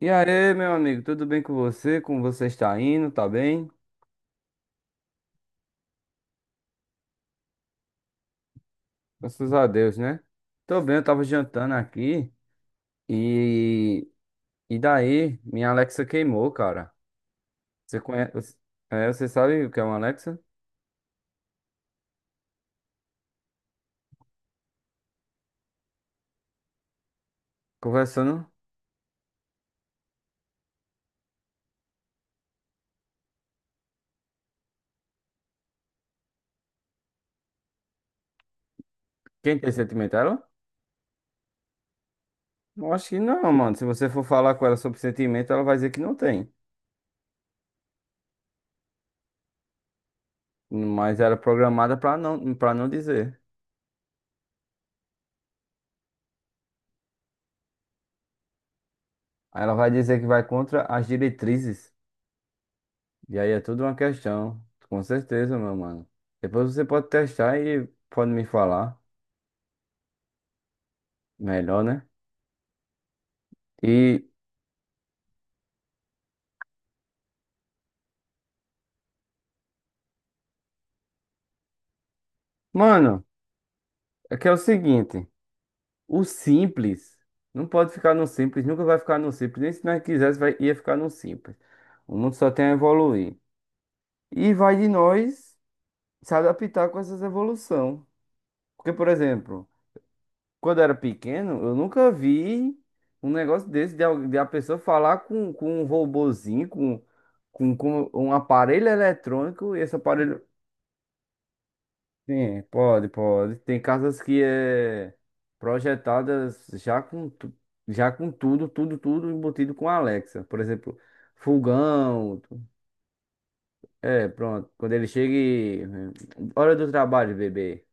E aí, meu amigo, tudo bem com você? Como você está indo? Tá bem? Graças a Deus, né? Tô bem, eu tava jantando aqui e e daí minha Alexa queimou, cara. Você conhece? É, você sabe o que é uma Alexa? Conversando. Quem tem sentimento? Ela? Eu acho que não, mano. Se você for falar com ela sobre sentimento, ela vai dizer que não tem. Mas ela é programada pra não para não dizer. Aí, ela vai dizer que vai contra as diretrizes. E aí é tudo uma questão, com certeza, meu mano. Depois você pode testar e pode me falar melhor, né? E, mano, é que é o seguinte, o simples não pode ficar no simples, nunca vai ficar no simples, nem se nós quisesse vai, ia ficar no simples. O mundo só tem a evoluir. E vai de nós se adaptar com essas evolução. Porque, por exemplo, quando eu era pequeno, eu nunca vi um negócio desse de, de a pessoa falar com um robozinho, com um aparelho eletrônico, e esse aparelho. Sim, pode, pode. Tem casas que é projetadas já com tudo, tudo, tudo embutido com Alexa. Por exemplo, fogão. É, pronto. Quando ele chega e, hora do trabalho, bebê.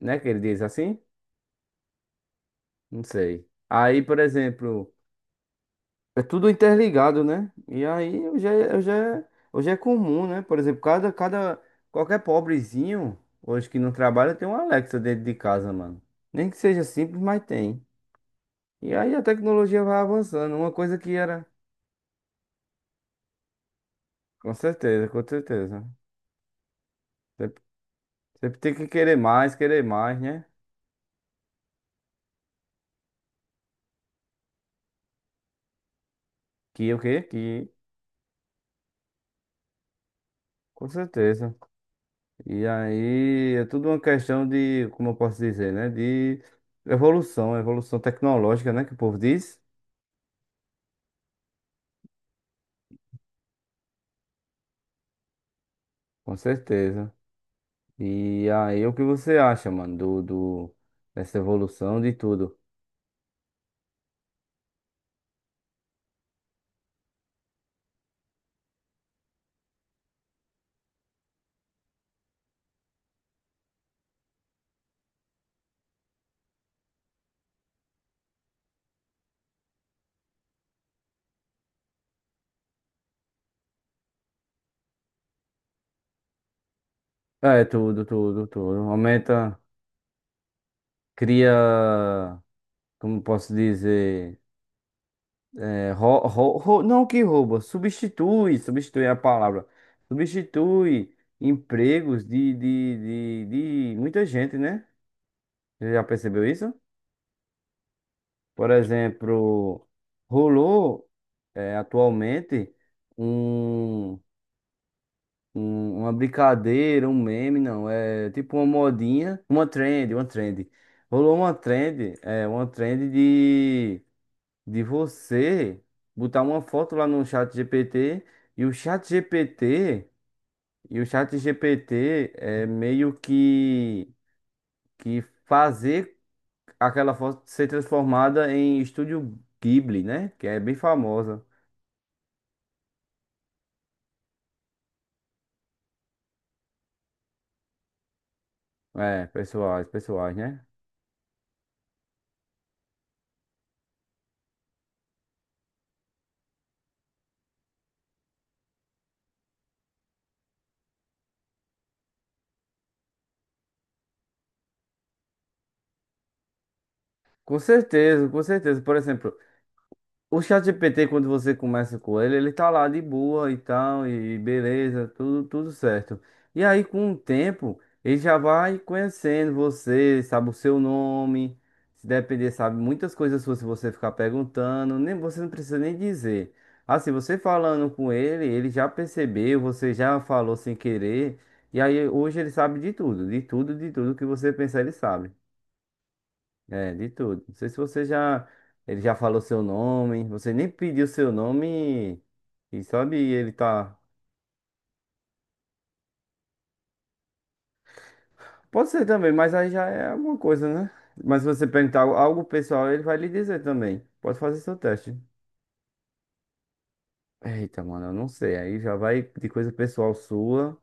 Né que ele diz assim? Não sei. Aí, por exemplo. É tudo interligado, né? E aí hoje é comum, né? Por exemplo, qualquer pobrezinho hoje que não trabalha tem um Alexa dentro de casa, mano. Nem que seja simples, mas tem. E aí a tecnologia vai avançando. Uma coisa que era. Com certeza, com certeza. Sempre, sempre tem que querer mais, né? Que o quê? Que. Com certeza. E aí é tudo uma questão de, como eu posso dizer, né? De evolução tecnológica, né? Que o povo diz. Com certeza. E aí, o que você acha, mano, dessa evolução de tudo? É, tudo, tudo, tudo. Aumenta, cria, como posso dizer, não que rouba, substitui, substitui é a palavra, substitui empregos de muita gente, né? Você já percebeu isso? Por exemplo, rolou, atualmente um. Uma brincadeira, um meme, não. É tipo uma modinha, uma trend. Rolou uma trend de você botar uma foto lá no chat GPT e o chat GPT, e o chat GPT é meio que fazer aquela foto ser transformada em estúdio Ghibli, né? Que é bem famosa. É, pessoais, pessoais, né? Com certeza, com certeza. Por exemplo, o ChatGPT, quando você começa com ele, ele tá lá de boa e tal, e beleza, tudo, tudo certo. E aí, com o tempo, ele já vai conhecendo você, sabe o seu nome, se depender, sabe muitas coisas suas se você ficar perguntando, nem você não precisa nem dizer. Assim, você falando com ele, ele já percebeu, você já falou sem querer, e aí hoje ele sabe de tudo, de tudo, de tudo que você pensar, ele sabe. É, de tudo. Não sei se você já. Ele já falou seu nome. Você nem pediu seu nome. E sabe, ele tá. Pode ser também, mas aí já é alguma coisa, né? Mas se você perguntar algo pessoal, ele vai lhe dizer também. Pode fazer seu teste. Eita, mano, eu não sei. Aí já vai de coisa pessoal sua.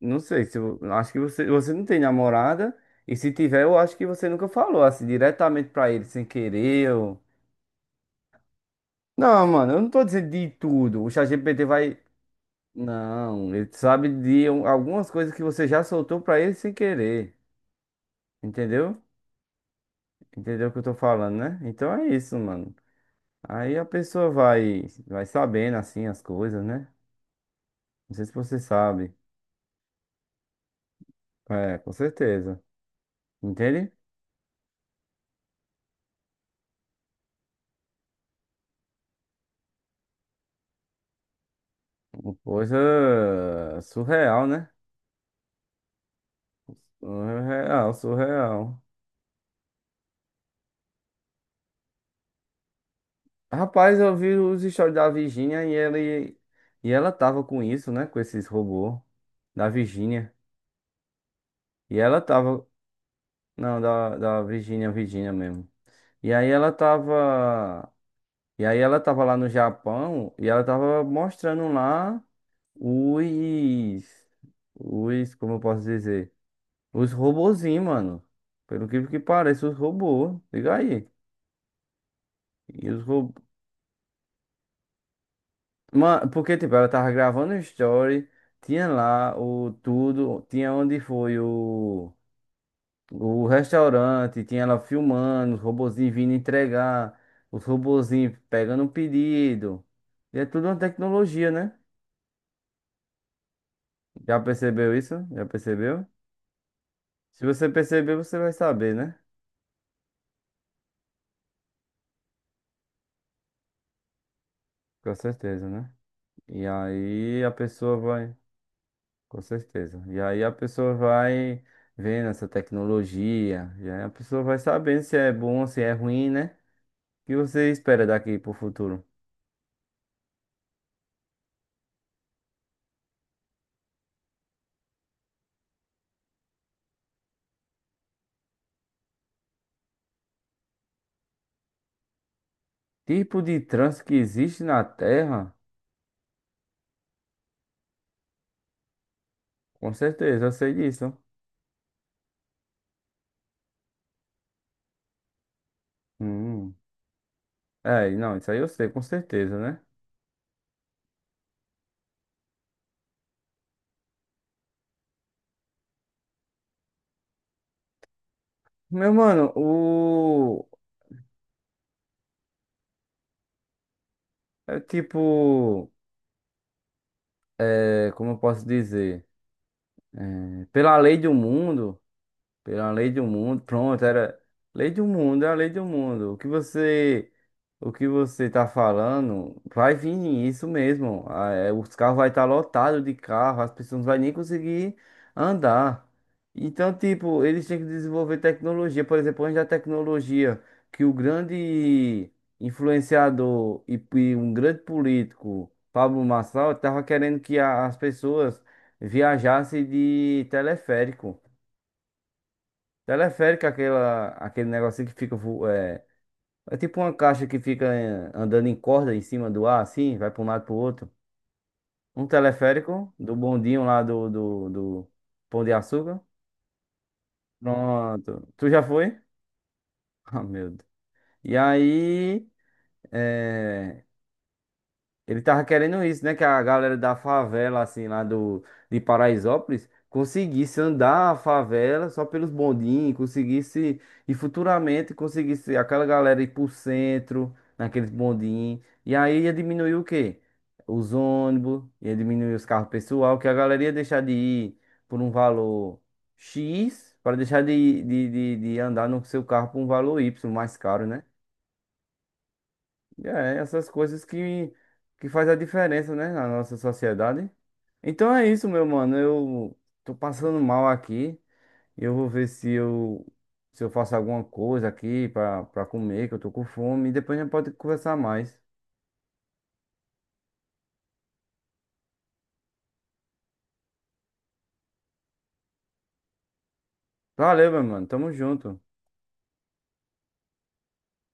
Não sei se eu acho que você não tem namorada. E se tiver, eu acho que você nunca falou assim diretamente pra ele, sem querer. Ou... Não, mano, eu não tô dizendo de tudo. O ChatGPT vai. Não, ele sabe de algumas coisas que você já soltou pra ele sem querer. Entendeu? Entendeu o que eu tô falando, né? Então é isso, mano. Aí a pessoa vai, vai sabendo assim as coisas, né? Não sei se você sabe. É, com certeza. Entende? Uma coisa surreal, né? Surreal, surreal. Rapaz, eu vi os stories da Virgínia e ela tava com isso, né? Com esses robôs da Virgínia. E ela tava. Não, da Virgínia, Virgínia mesmo. E aí ela tava. E aí ela tava lá no Japão e ela tava mostrando lá os. Os, como eu posso dizer? Os robozinhos, mano. Pelo que parece, os robôs. Liga aí. E os robôs. Mano, porque, tipo, ela tava gravando o story, tinha lá o tudo, tinha onde foi o. O restaurante tinha ela filmando, os robozinhos vindo entregar, os robozinhos pegando o pedido. E é tudo uma tecnologia, né? Já percebeu isso? Já percebeu? Se você perceber, você vai saber, né? Com certeza, né? E aí a pessoa vai. Com certeza. E aí a pessoa vai vendo essa tecnologia. E aí a pessoa vai sabendo se é bom, se é ruim, né? O que você espera daqui pro futuro? Tipo de trânsito que existe na Terra? Com certeza, eu sei disso. Hum. É, não, isso aí eu sei, com certeza, né? Meu mano, o. É tipo. É, como eu posso dizer? É, pela lei do mundo. Pela lei do mundo. Pronto, era lei do mundo, é a lei do mundo. O que você tá falando vai vir isso mesmo. Ah, é, os carros vai estar lotados de carro, as pessoas não vão nem conseguir andar. Então, tipo, eles têm que desenvolver tecnologia. Por exemplo, onde a tecnologia que o grande influenciador e um grande político, Pablo Marçal, estava querendo que as pessoas viajassem de teleférico. Teleférico, é aquele negocinho que fica. É, tipo uma caixa que fica eh, andando em corda em cima do ar, assim, vai para um lado pro outro. Um teleférico do bondinho lá do Pão de Açúcar. Pronto. Tu já foi? Ah, meu Deus. E aí. é, Ele tava querendo isso, né? Que a galera da favela, assim, lá do, de Paraisópolis, conseguisse andar a favela só pelos bondinhos, conseguisse, e futuramente conseguisse aquela galera ir pro centro, naqueles bondinhos. E aí ia diminuir o quê? Os ônibus, ia diminuir os carros pessoal, que a galera ia deixar de ir por um valor X, para deixar de andar no seu carro por um valor Y mais caro, né? É, essas coisas que faz a diferença, né, na nossa sociedade. Então é isso, meu mano. Eu tô passando mal aqui. Eu vou ver se eu faço alguma coisa aqui pra, comer, que eu tô com fome. E depois a gente pode conversar mais. Valeu, meu mano. Tamo junto.